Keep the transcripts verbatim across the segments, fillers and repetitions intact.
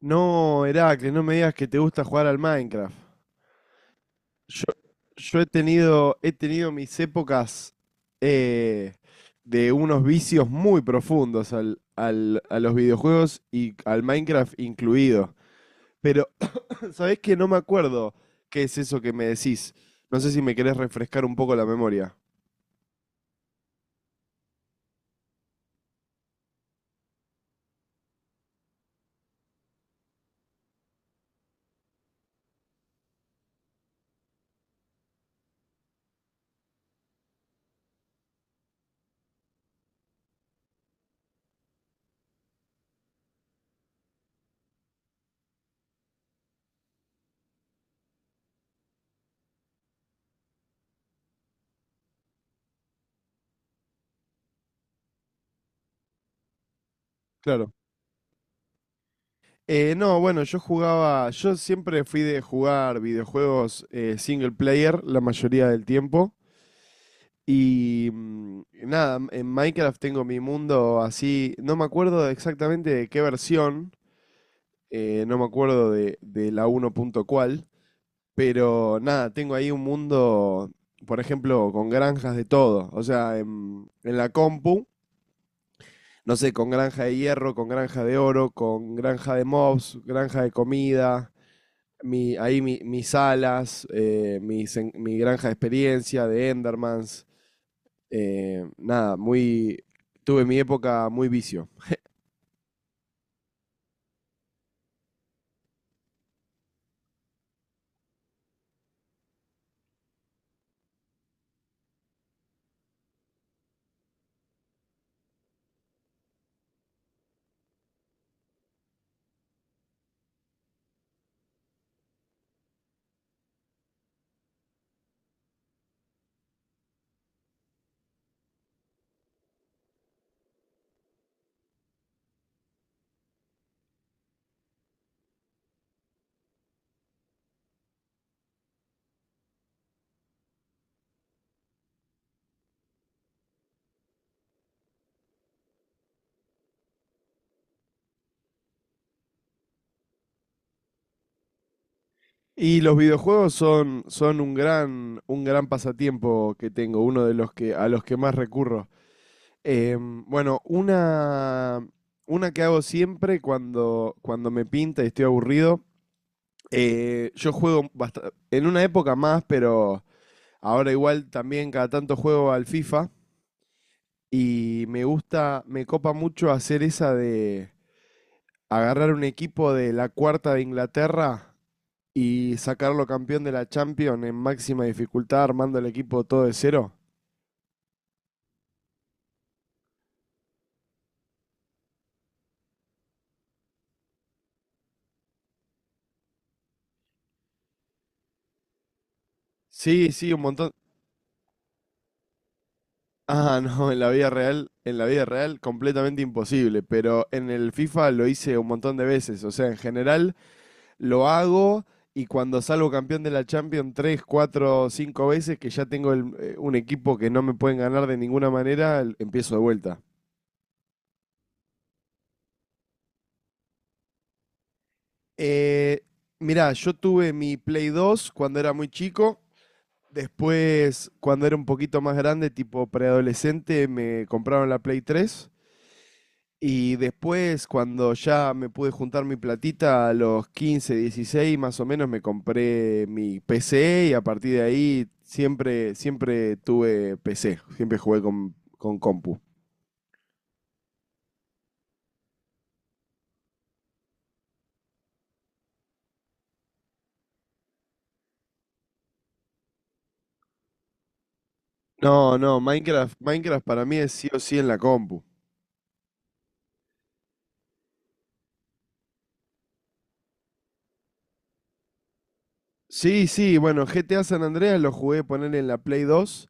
No, Heracles, no me digas que te gusta jugar al Minecraft. Yo, yo he tenido, he tenido mis épocas eh, de unos vicios muy profundos al, al- a los videojuegos y al Minecraft incluido. Pero, ¿sabés que no me acuerdo qué es eso que me decís? No sé si me querés refrescar un poco la memoria. Claro. Eh, no, bueno, yo jugaba, yo siempre fui de jugar videojuegos eh, single player la mayoría del tiempo. Y mm, nada, en Minecraft tengo mi mundo así, no me acuerdo exactamente de qué versión, eh, no me acuerdo de, de la uno punto cuál, pero nada, tengo ahí un mundo, por ejemplo, con granjas de todo, o sea, en, en la compu, no sé, con granja de hierro, con granja de oro, con granja de mobs, granja de comida, mi, ahí mi- mis alas, eh, mis en- mi granja de experiencia, de Endermans. Eh, nada, muy, tuve mi época muy vicio. Y los videojuegos son, son un gran, un gran pasatiempo que tengo, uno de los que, a los que más recurro. Eh, bueno, una, una que hago siempre cuando, cuando me pinta y estoy aburrido. Eh, yo juego basta- en una época más, pero ahora igual también cada tanto juego al FIFA. Y me gusta, me copa mucho hacer esa de agarrar un equipo de la cuarta de Inglaterra y sacarlo campeón de la Champions en máxima dificultad, armando el equipo todo de cero. Sí, sí, un montón. Ah, no, en la vida real, en la vida real, completamente imposible, pero en el FIFA lo hice un montón de veces. O sea, en general lo hago y cuando salgo campeón de la Champions tres, cuatro, cinco veces, que ya tengo el- eh, un equipo que no me pueden ganar de ninguna manera, el- empiezo de vuelta. Eh, Mirá, yo tuve mi Play dos cuando era muy chico. Después, cuando era un poquito más grande, tipo preadolescente, me compraron la Play tres. Y después, cuando ya me pude juntar mi platita, a los quince, dieciséis más o menos, me compré mi P C y a partir de ahí siempre, siempre tuve P C, siempre jugué con, con compu. No, no, Minecraft, Minecraft para mí es sí o sí en la compu. Sí, sí, bueno, G T A San Andreas lo jugué poner en la Play dos.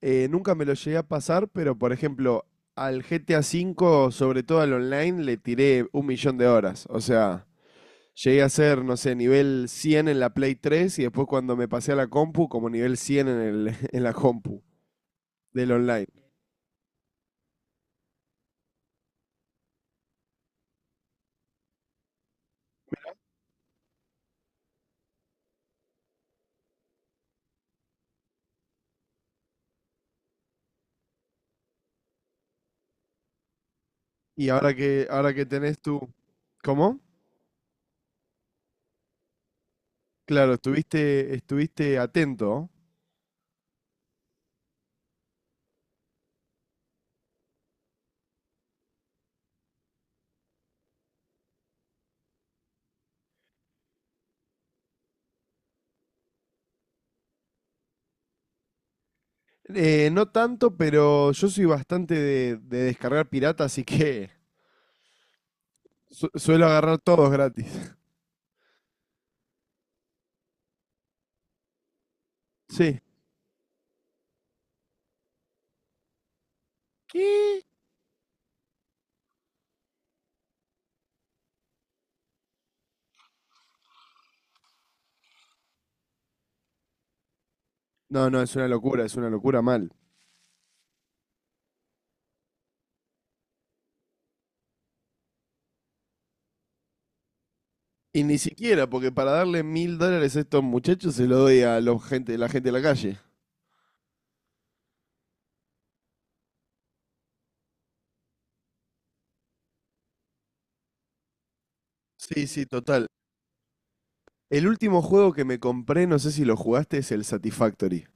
Eh, nunca me lo llegué a pasar, pero por ejemplo, al G T A uve, sobre todo al online, le tiré un millón de horas. O sea, llegué a ser, no sé, nivel cien en la Play tres y después cuando me pasé a la compu, como nivel cien en el, en la compu del online. Y ahora que, ahora que tenés tú, ¿cómo? Claro, estuviste, estuviste atento. Eh, no tanto, pero yo soy bastante de, de descargar pirata, así que su- suelo agarrar todos gratis. Sí. ¿Qué? No, no, es una locura, es una locura mal. Y ni siquiera, porque para darle mil dólares a estos muchachos se lo doy a los gente, la gente de la calle. Sí, sí, total. El último juego que me compré, no sé si lo jugaste, es el Satisfactory.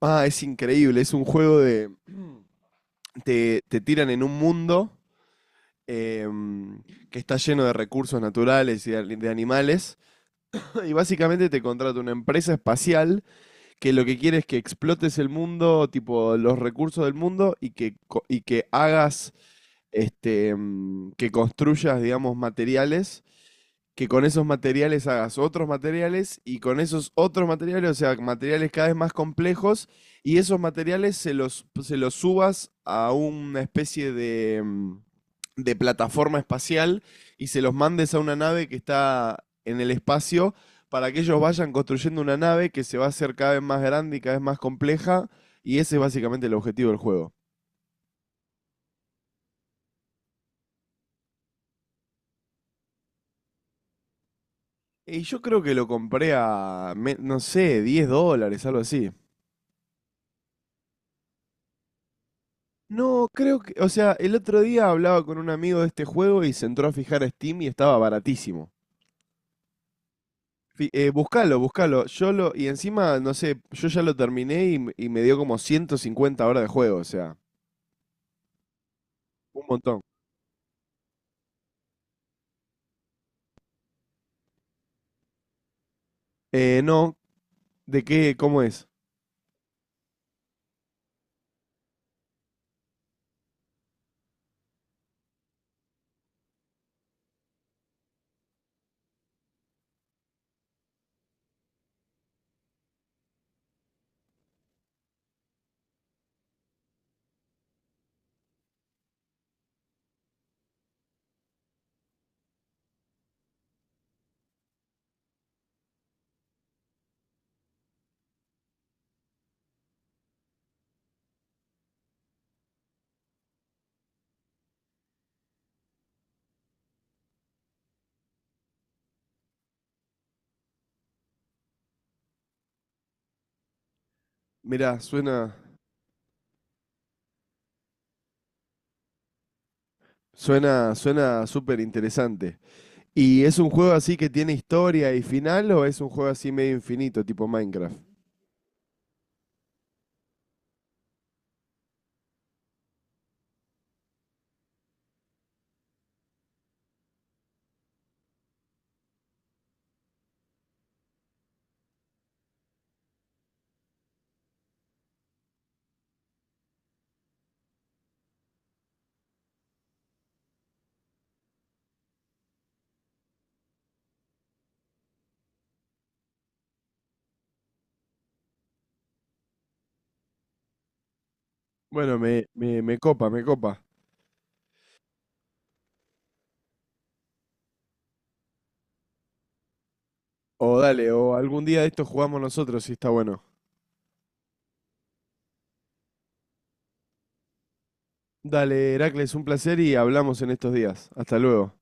Ah, es increíble, es un juego de... Te, te tiran en un mundo em, que está lleno de recursos naturales y de, de animales, y básicamente te contrata una empresa espacial que lo que quiere es que explotes el mundo, tipo los recursos del mundo y que, co- y que hagas, este, mm, que construyas, digamos, materiales, que con esos materiales hagas otros materiales y con esos otros materiales, o sea, materiales cada vez más complejos y esos materiales se los, se los subas a una especie de, mm, de plataforma espacial y se los mandes a una nave que está en el espacio para que ellos vayan construyendo una nave que se va a hacer cada vez más grande y cada vez más compleja, y ese es básicamente el objetivo del juego. Y yo creo que lo compré a, me- no sé, diez dólares, algo así. No, creo que, o sea, el otro día hablaba con un amigo de este juego y se entró a fijar a Steam y estaba baratísimo. Fi- Eh, buscalo, buscalo. Yo lo, y encima, no sé, yo ya lo terminé y, m- y me dio como ciento cincuenta horas de juego, o sea, un montón. Eh, no, ¿de qué? ¿Cómo es? Mirá, suena... Suena, suena súper interesante. ¿Y es un juego así que tiene historia y final o es un juego así medio infinito, tipo Minecraft? Bueno, me, me, me copa, me copa. O dale, o algún día de estos jugamos nosotros si está bueno. Dale, Heracles, un placer y hablamos en estos días. Hasta luego.